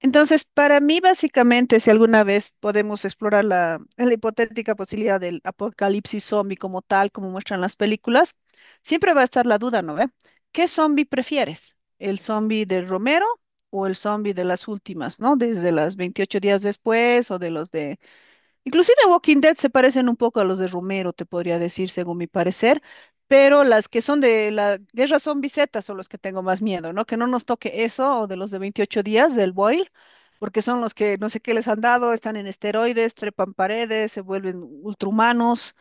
Entonces, para mí, básicamente, si alguna vez podemos explorar la hipotética posibilidad del apocalipsis zombie como tal, como muestran las películas, siempre va a estar la duda, ¿no ve? ¿Qué zombie prefieres? ¿El zombie de Romero o el zombie de las últimas, ¿no? Desde las 28 días después o de los de Inclusive Walking Dead se parecen un poco a los de Romero, te podría decir, según mi parecer, pero las que son de la guerra zombie Z son los que tengo más miedo, ¿no? Que no nos toque eso o de los de 28 días del boil, porque son los que no sé qué les han dado, están en esteroides, trepan paredes, se vuelven ultrahumanos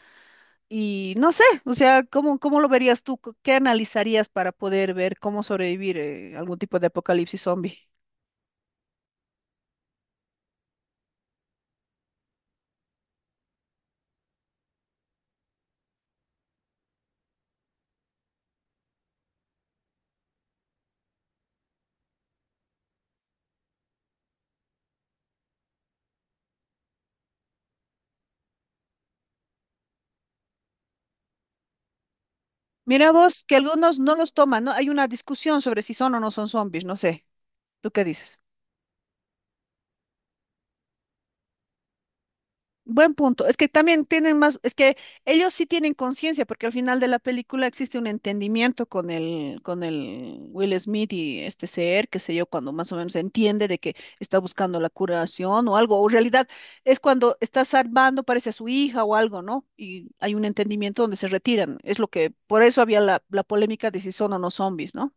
y no sé, o sea, ¿cómo lo verías tú? ¿Qué analizarías para poder ver cómo sobrevivir algún tipo de apocalipsis zombie? Mira vos, que algunos no los toman, ¿no? Hay una discusión sobre si son o no son zombies, no sé. ¿Tú qué dices? Buen punto. Es que también tienen más, es que ellos sí tienen conciencia, porque al final de la película existe un entendimiento con el Will Smith y este ser, qué sé yo, cuando más o menos entiende de que está buscando la curación o algo, o en realidad es cuando está salvando, parece a su hija o algo, ¿no? Y hay un entendimiento donde se retiran. Es lo que, por eso había la polémica de si son o no zombies, ¿no?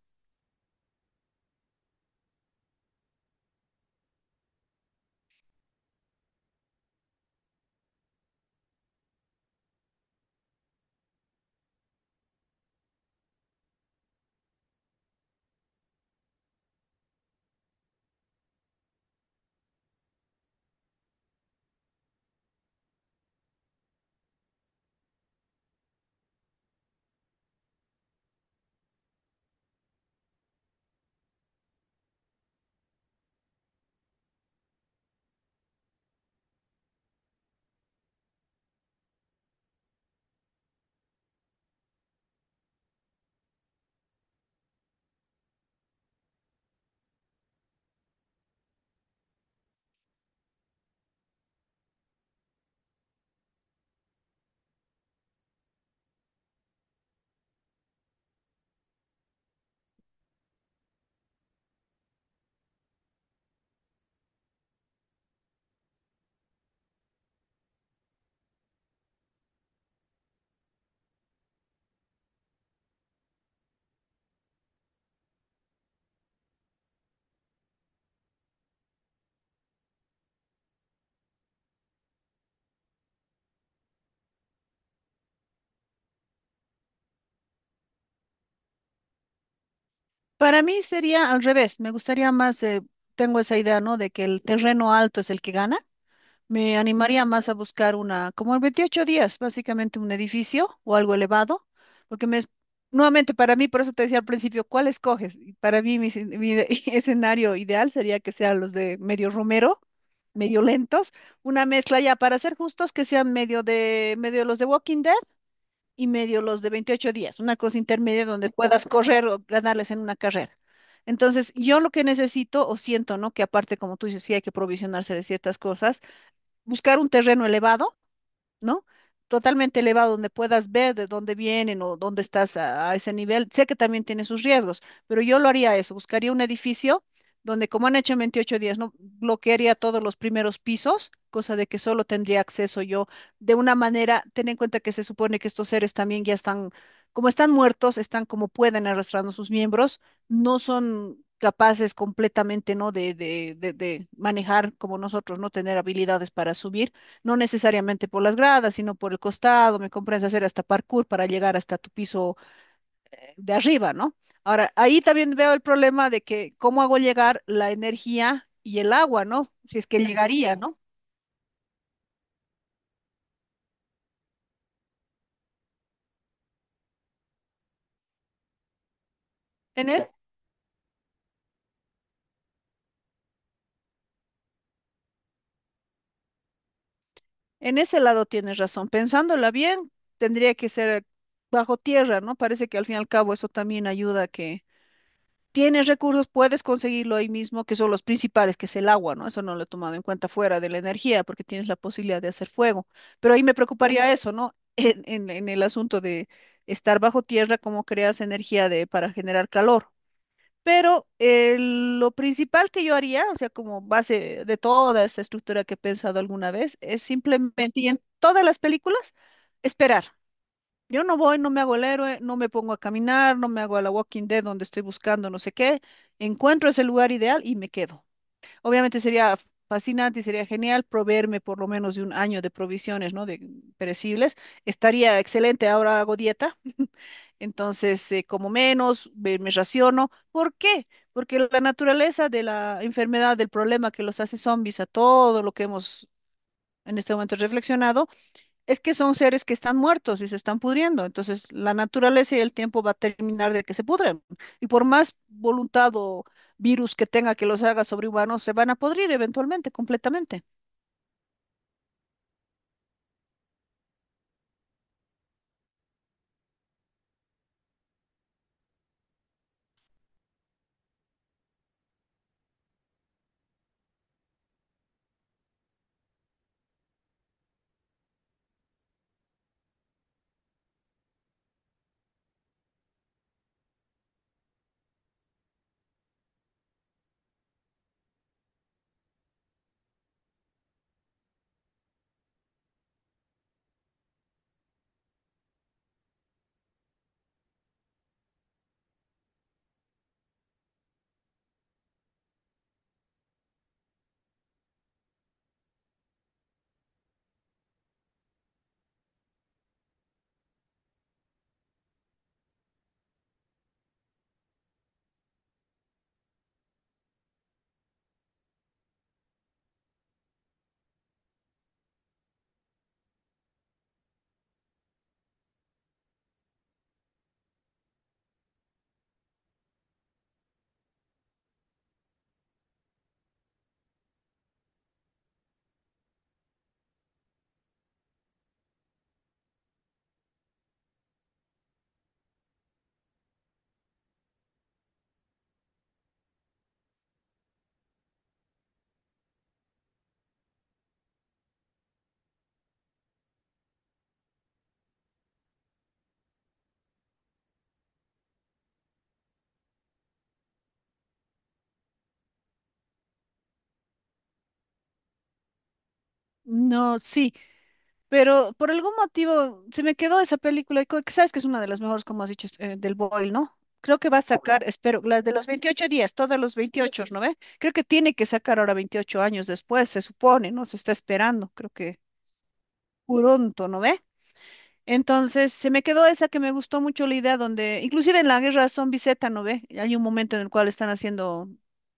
Para mí sería al revés, me gustaría más, tengo esa idea, ¿no? De que el terreno alto es el que gana. Me animaría más a buscar una, como en 28 días, básicamente un edificio o algo elevado, porque nuevamente para mí, por eso te decía al principio, ¿cuál escoges? Y para mí, mi, escen- mi de- escenario ideal sería que sean los de medio romero, medio lentos, una mezcla ya, para ser justos, que sean medio los de Walking Dead y medio los de 28 días, una cosa intermedia donde puedas correr o ganarles en una carrera. Entonces, yo lo que necesito o siento, ¿no? Que aparte, como tú dices, sí hay que provisionarse de ciertas cosas, buscar un terreno elevado, ¿no? Totalmente elevado, donde puedas ver de dónde vienen o dónde estás a ese nivel. Sé que también tiene sus riesgos, pero yo lo haría eso, buscaría un edificio donde, como han hecho en 28 días, no bloquearía todos los primeros pisos, cosa de que solo tendría acceso yo de una manera, ten en cuenta que se supone que estos seres también ya están, como están muertos, están como pueden arrastrando sus miembros, no son capaces completamente, ¿no? De manejar como nosotros, no tener habilidades para subir no necesariamente por las gradas, sino por el costado, me comprendes, hacer hasta parkour para llegar hasta tu piso de arriba, ¿no? Ahora, ahí también veo el problema de que cómo hago llegar la energía y el agua, ¿no? Si es que llegaría, ¿no? En es- en ese lado tienes razón. Pensándola bien, tendría que ser bajo tierra, ¿no? Parece que al fin y al cabo eso también ayuda a que tienes recursos, puedes conseguirlo ahí mismo, que son los principales, que es el agua, ¿no? Eso no lo he tomado en cuenta fuera de la energía, porque tienes la posibilidad de hacer fuego. Pero ahí me preocuparía eso, ¿no? En el asunto de estar bajo tierra, cómo creas energía de, para generar calor. Pero lo principal que yo haría, o sea, como base de toda esta estructura que he pensado alguna vez, es simplemente, y en todas las películas, esperar. Yo no voy, no me hago el héroe, no me pongo a caminar, no me hago a la Walking Dead donde estoy buscando no sé qué. Encuentro ese lugar ideal y me quedo. Obviamente sería fascinante y sería genial proveerme por lo menos de un año de provisiones, ¿no? De perecibles. Estaría excelente, ahora hago dieta. Entonces, como menos, me raciono. ¿Por qué? Porque la naturaleza de la enfermedad, del problema que los hace zombies a todo lo que hemos en este momento reflexionado, es que son seres que están muertos y se están pudriendo, entonces la naturaleza y el tiempo va a terminar de que se pudren. Y por más voluntad o virus que tenga que los haga sobrehumanos, se van a podrir eventualmente, completamente. No, sí, pero por algún motivo se me quedó esa película, y que sabes que es una de las mejores, como has dicho, del Boyle, ¿no? Creo que va a sacar, espero, la de los 28 días, todos los 28, ¿no ve? Creo que tiene que sacar ahora 28 años después, se supone, ¿no? Se está esperando, creo que pronto, ¿no ve? Entonces, se me quedó esa que me gustó mucho la idea donde, inclusive en la guerra zombie Z, ¿no ve? Hay un momento en el cual están haciendo,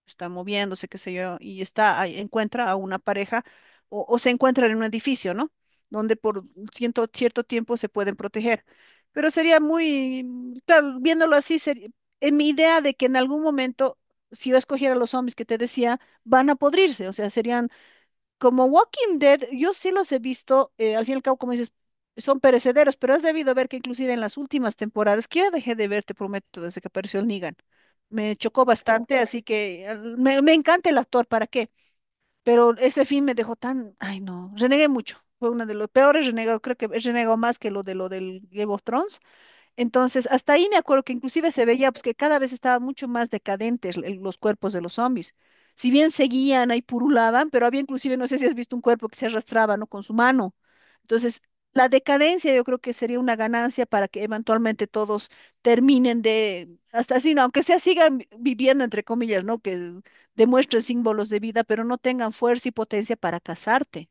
están moviéndose, qué sé yo, y está, ahí encuentra a una pareja o se encuentran en un edificio, ¿no? Donde por cierto, cierto tiempo se pueden proteger. Pero sería muy, claro, viéndolo así, sería, en mi idea de que en algún momento, si yo escogiera los zombies que te decía, van a podrirse, o sea, serían como Walking Dead, yo sí los he visto, al fin y al cabo, como dices, son perecederos, pero has debido ver que inclusive en las últimas temporadas, que yo dejé de ver, te prometo, desde que apareció el Negan, me chocó bastante, así que me encanta el actor, ¿para qué? Pero este fin me dejó tan, ay no, renegué mucho, fue uno de los peores renegados, creo que he renegado más que lo del Game of Thrones, entonces, hasta ahí me acuerdo que inclusive se veía pues, que cada vez estaban mucho más decadentes los cuerpos de los zombies. Si bien seguían ahí purulaban, pero había inclusive, no sé si has visto un cuerpo que se arrastraba, ¿no? Con su mano. Entonces, la decadencia yo creo que sería una ganancia para que eventualmente todos terminen de, hasta así, ¿no? Aunque sea sigan viviendo, entre comillas, ¿no? Que demuestren símbolos de vida, pero no tengan fuerza y potencia para casarte.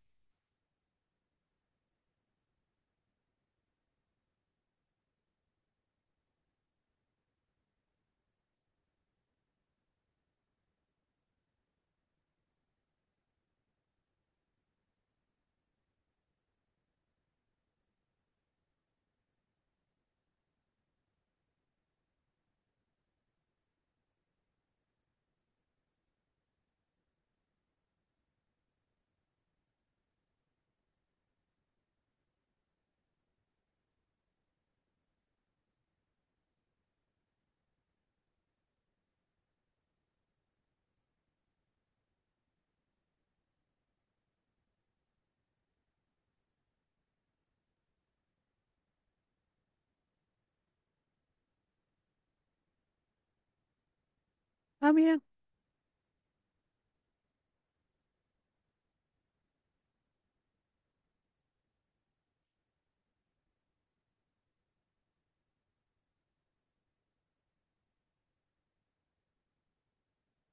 Ah mira.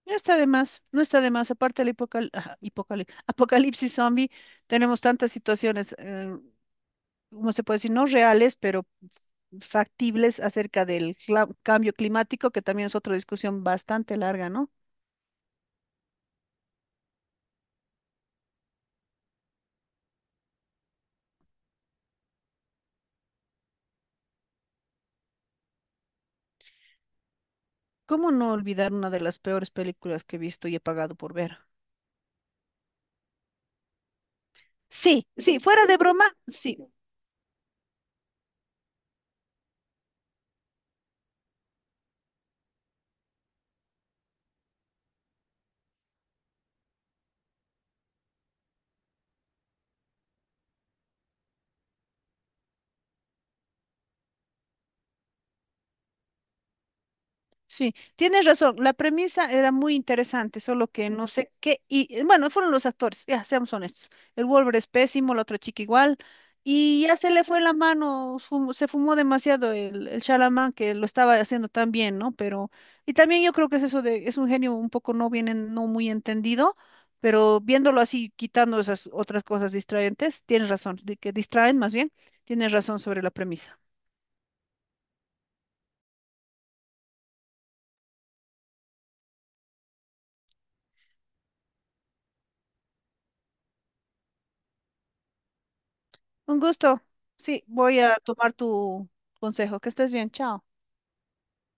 No está de más, no está de más. Aparte del apocalipsis zombie, tenemos tantas situaciones, ¿cómo se puede decir? No reales, pero factibles acerca del cambio climático, que también es otra discusión bastante larga, ¿no? ¿Cómo no olvidar una de las peores películas que he visto y he pagado por ver? Sí, sí, fuera de broma, sí. Sí, tienes razón. La premisa era muy interesante, solo que no sé qué. Y bueno, fueron los actores, ya seamos honestos. El Wolver es pésimo, la otra chica igual. Y ya se le fue la mano, se fumó demasiado el Shyamalan, que lo estaba haciendo tan bien, ¿no? Pero, y también yo creo que es eso de, es un genio un poco no bien, no muy entendido, pero viéndolo así, quitando esas otras cosas distraentes, tienes razón, de que distraen más bien, tienes razón sobre la premisa. Un gusto. Sí, voy a tomar tu consejo. Que estés bien. Chao.